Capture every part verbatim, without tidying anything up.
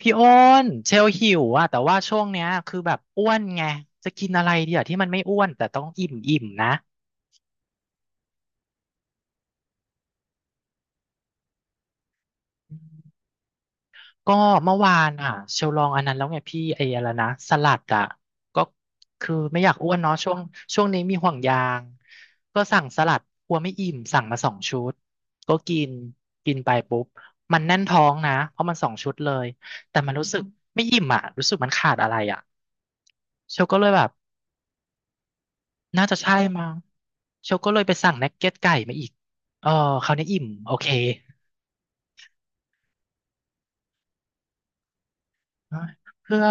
พี่โอ้นเชลหิวอะแต่ว่าช่วงเนี้ยคือแบบอ้วนไงจะกินอะไรดีอะที่มันไม่อ้วนแต่ต้องอิ่มอิ่มนะก็เมื่อวานอ่ะเชลลองอันนั้นแล้วไงพี่ไอ้อะไรนะสลัดอ่ะก็คือไม่อยากอ้วนเนาะช่วงช่วงนี้มีห่วงยางก็สั่งสลัดกลัวไม่อิ่มสั่งมาสองชุดก็กินกินไปปุ๊บมันแน่นท้องนะเพราะมันสองชุดเลยแต่มันรู้สึกไม่อิ่มอ่ะรู้สึกมันขาดอะไรอ่ะเชลก็เลยแบบ น่าจะใช่มั้งเชลก็เลยไปสั่งนักเก็ตไก่มาอีกเออคราวนี้อิ่มโอเคเพื่อ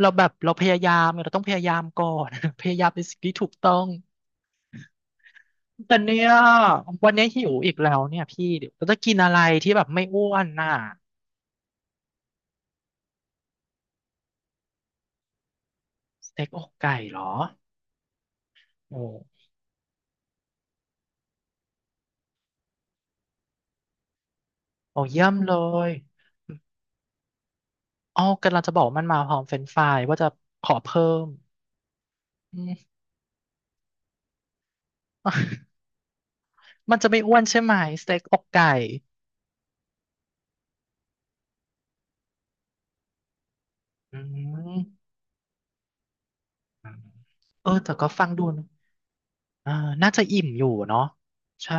เราแบบเราพยายามไงเราต้องพยายามก่อน พยายามเป็นสิ่งที่ถูกต้องแต่เนี่ยวันนี้หิวอีกแล้วเนี่ยพี่เดี๋ยวเราจะกินอะไรที่แบบไม่อ้วนน่ะสเต็กอกไก่เหรอโอ้โอ้เยี่ยมเลยอ๋อกำลังจะบอกมันมาพร้อมเฟรนช์ฟรายว่าจะขอเพิ่มอืม มันจะไม่อ้วนใช่ไหมสเต็กอกไก่อืม อ่าเออแต่ก็ฟังดูนะอ่าน่าจะอิ่มอยู่เนาะใช่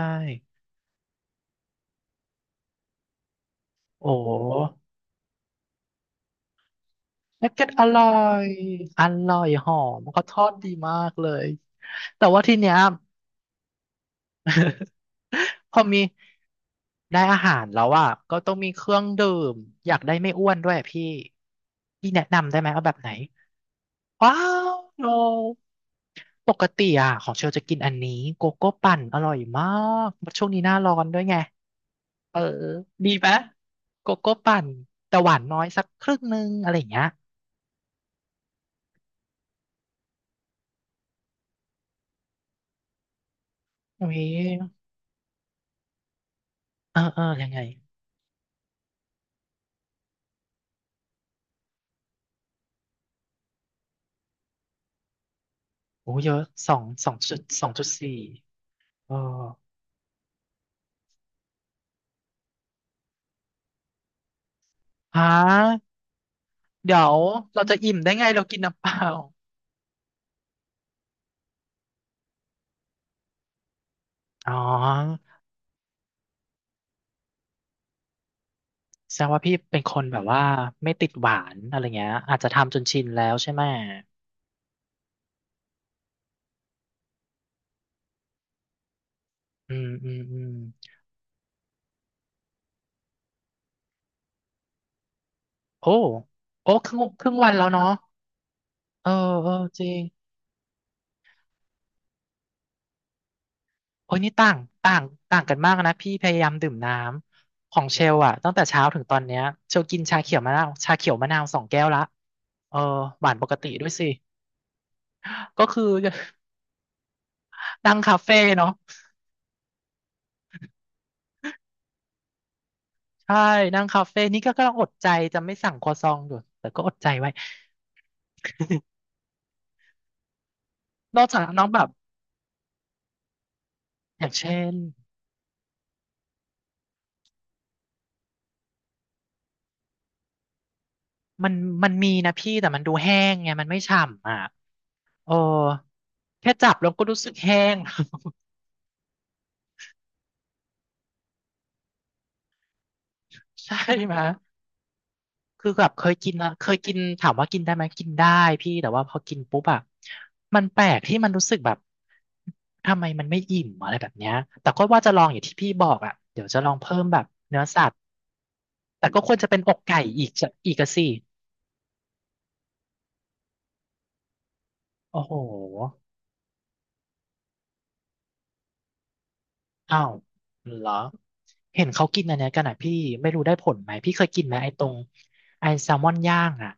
โอ้นั g เก็ตอร่อยอร่อยหอมเขาทอดดีมากเลยแต่ว่าทีเนี้ย พอมีได้อาหารแล้วอ่ะก็ต้องมีเครื่องดื่มอยากได้ไม่อ้วนด้วยพี่พี่แนะนำได้ไหมเอาแบบไหนว้าวโนปกติอ่ะของเชลจะกินอันนี้โกโก้ปั่นอร่อยมากช่วงนี้หน้าร้อนด้วยไง เออดีไหมโกโก้ปั่นแต่หวานน้อยสักครึ่งนึงอะไรอย่างเงี้ยโอ้ยเออเออยังไงโอ้เยอะสองสองจุดสองจุดสี่เออฮะเดี๋ยวเราจะอิ่มได้ไงเรากินน้ำเปล่าอ๋อแสดงว่าพี่เป็นคนแบบว่าไม่ติดหวานอะไรเงี้ยอาจจะทำจนชินแล้วใช่ไหมอืมอืมอืมโอ้โอ้ครึ่งครึ่งวันแล้วเนาะเออเออจริง โอ้ยนี่ต่างต่างต่างกันมากนะพี่พยายามดื่มน้ำของเชลอะตั้งแต่เช้าถึงตอนเนี้ยเชลกินชาเขียวมะนาวชาเขียวมะนาวสองแก้วละเออหวานปกติด้วยสิก็คือนั่งคาเฟ่เนาะใช่นั่งคาเฟ่นี่ก็กำลังอดใจจะไม่สั่งครัวซองอยู่แต่ก็อดใจไว้นอกจากน้องแบบอย่างเช่นมันมันมีนะพี่แต่มันดูแห้งไงมันไม่ฉ่ำอ่ะเออแค่จับแล้วก็รู้สึกแห้ง ใช่ไหม คือแบบเคยกินนะเคยกินถามว่ากินได้ไหมกินได้พี่แต่ว่าพอกินปุ๊บอะมันแปลกที่มันรู้สึกแบบทำไมมันไม่อิ่มอะไรแบบเนี้ยแต่ก็ว่าจะลองอย่างที่พี่บอกอะเดี๋ยวจะลองเพิ่มแบบเนื้อสัตว์แต่ก็ควรจะเป็นอกไก่อีกจะอีกอะสิโอ้โหอ้าวเหรอเห็นเขากินอันเนี้ยกันอะพี่ไม่รู้ได้ผลไหมพี่เคยกินไหมไอ้ตรงไอ้แซลมอนย่างอะ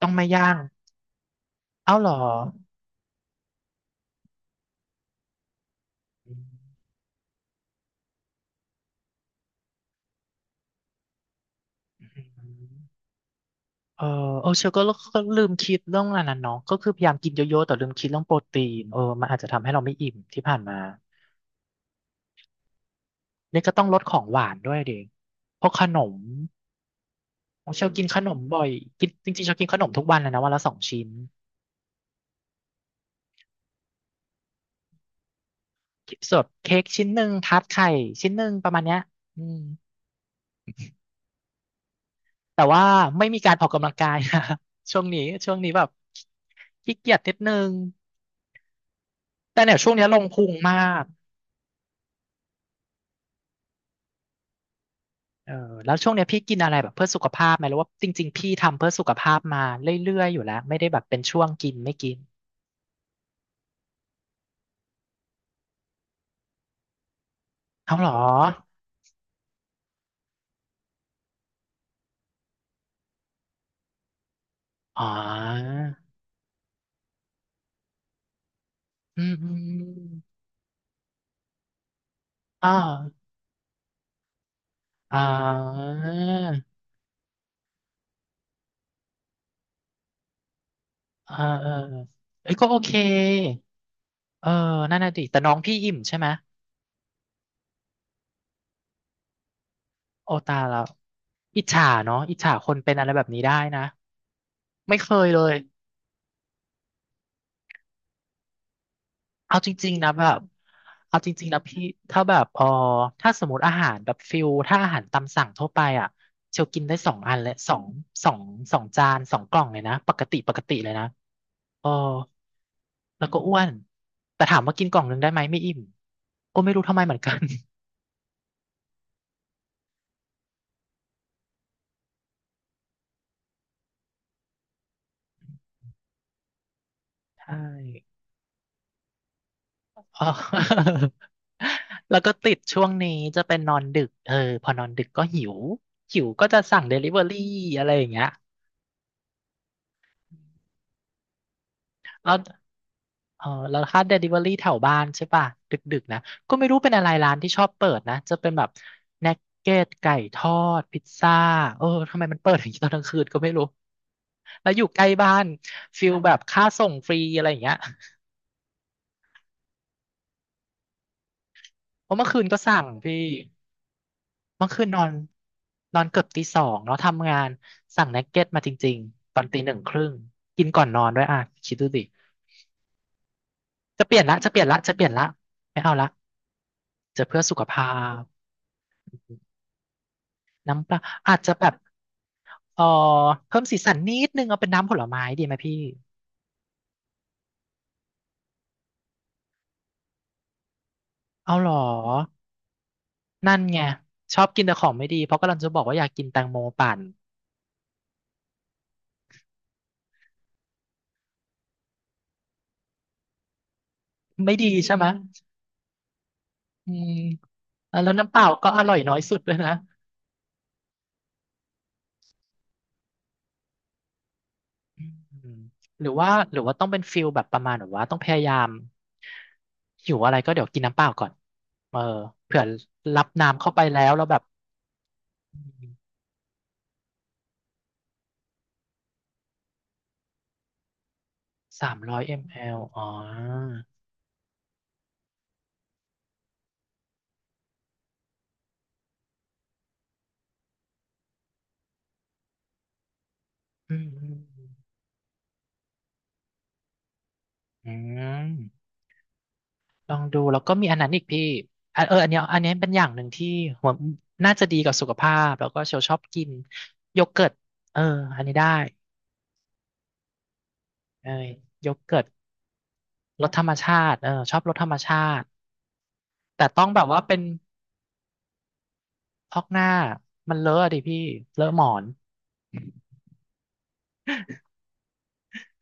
ต้องไม่ย่างเอ้าเหรออืม เออเออเชลก็ก็ลืมคิดเรื่องันนั้นน่ะเนาะก็คือพยายามกินเยอะๆแต่ลืมคิดเรื่องโปรตีนเออมันอาจจะทำให้เราไม่อิ่มที่ผ่านมาเนี่ยก็ต้องลดของหวานด้วยเดิเพราะขนมเชลกินขนมบ่อยกินจริงๆเชลกินขนมทุกวันเลยนะวันละสองชิ้นส่วนเค้กชิ้นหนึ่งทาร์ตไข่ชิ้นหนึ่งประมาณเนี้ยอืมแต่ว่าไม่มีการออกกำลังกาย ช่วงนี้ช่วงนี้แบบขี้เกียจนิดนึงแต่เนี่ยช่วงนี้ลงพุงมาก เออแล้วช่วงเนี้ยพี่กินอะไรแบบเพื่อสุขภาพไหมหรือว่าจริงๆพี่ทำเพื่อสุขภาพมาเรื่อยๆอยู่แล้วไม่ได้แบบเป็นช่วงกินไม่กินเอาเหรออ๋ออืมอืมอ๋ออ๋อเออเออเอ้ยก็โอเคเออนั่นน่ะดิแต่น้องพี่อิ่มใช่ไหมโอตายแล้วอิจฉาเนาะอิจฉาคนเป็นอะไรแบบนี้ได้นะไม่เคยเลย เอาจริงๆนะแบบเอาจริงๆนะพี่ถ้าแบบเออถ้าสมมติอาหารแบบฟิลถ้าอาหารตามสั่งทั่วไปอ่ะเชลกินได้สองอันและสองสองสองจานสองกล่องเลยนะปกติปกติเลยนะเออแล้วก็อ้วนแต่ถามว่ากินกล่องหนึงได้ไหมไม่อิ่มก็ไม่รู้ทำไมเหมือนกัน ใช่ เออ แล้วก็ติดช่วงนี้จะเป็นนอนดึกเออพอนอนดึกก็หิวหิวก็จะสั่งเดลิเวอรี่อะไรอย่างเงี้ยแล้ว เออแล้วถ้า Delivery แถวบ้านใช่ป่ะดึกๆนะก็ไม่รู้เป็นอะไรร้านที่ชอบเปิดนะจะเป็นแบบนักเก็ตไก่ทอดพิซซ่าเออทำไมมันเปิดอย่างนี้ตอนกลางคืนก็ไม่รู้แล้วอยู่ใกล้บ้านฟิลแบบค่าส่งฟรีอะไรอย่างเงี้ยเพราะเมื่อคืนก็สั่งพี่เมื่อคืนนอนนอนเกือบตีสองเนาะทำงานสั่งนักเก็ตมาจริงๆตอนตีหนึ่งครึ่งกินก่อนนอนด้วยอ่ะคิดดูดิจะเปลี่ยนละจะเปลี่ยนละจะเปลี่ยนละไม่เอาละจะเพื่อสุขภาพน้ำเปล่าอาจจะแบบ เออเพิ่มสีสันนิดนึงเอาเป็นน้ำผลไม้ดีไหมพี่เอาเหรอนั่นไงชอบกินแต่ของไม่ดีเพราะกำลังจะบอกว่าอยากกินแตงโมปั่นไม่ดีใช่ไหมอืมแล้วน้ำเปล่าก็อร่อยน้อยสุดเลยนะอืมหรือว่าหรือว่าต้องเป็นฟิลแบบประมาณแบบว่าต้องพยายามหิวอะไรก็เดี๋ยวกินน้ำเปล่าก่อนเออเผื่อรับน้ำเข้าไปแล้วแล้วแบบสามร้อยมลลิลิตรอ๋ออืมอืมอืม ลองดูแล้วก็มีอันนั้นอีกพี่อ่ะเอออันเนี้ยอันเนี้ยเป็นอย่างหนึ่งที่หัวน่าจะดีกับสุขภาพแล้วก็เชลชอบกินโยเกิร์ตเอออันนี้ได้เออโยเกิร์ตรสธรรมชาติเออชอบรสธรรมชาติแต่ต้องแบบว่าเป็นพอกหน้ามันเลอะดิพี่เลอะหมอน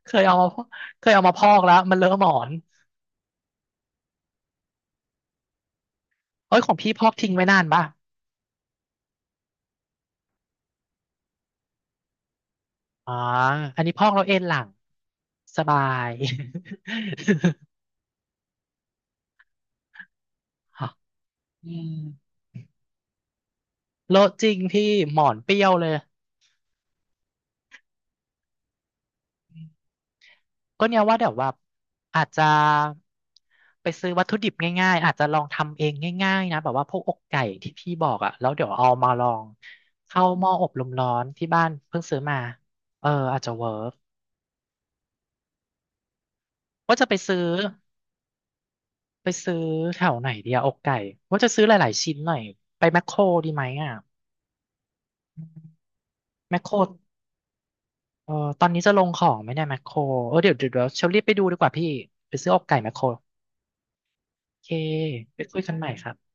เคยเอามาพอกเคยเอามาพอกแล้วมันเลอะหมอนเอ้ยของพี่พอกทิ้งไว้นานปะอ๋ออันนี้พอกแล้วเอนหลังสบาย อืมโลอะจริงพี่หมอนเปรี้ยวเลย ก็เนี่ยว่าเดี๋ยวว่าอาจจะไปซื้อวัตถุดิบง่ายๆอาจจะลองทำเองง่ายๆนะแบบว่าพวกอกไก่ที่พี่บอกอ่ะแล้วเดี๋ยวเอามาลองเข้าหม้ออบลมร้อนที่บ้านเพิ่งซื้อมาเอออาจจะเวิร์กว่าจะไปซื้อไปซื้อแถวไหนดีอะอกไก่ว่าจะซื้อหลายๆชิ้นหน่อยไปแมคโครดีไหมอ่ะอืมแมคโครเออตอนนี้จะลงของไหมเนี่ยแมคโครเออเดี๋ยวเดี๋ยวเดี๋ยวเชลรีบไปดูดีกว่าพี่ไปซื้ออกไก่แมคโครโอเคไปคุยกันใหม่ครับ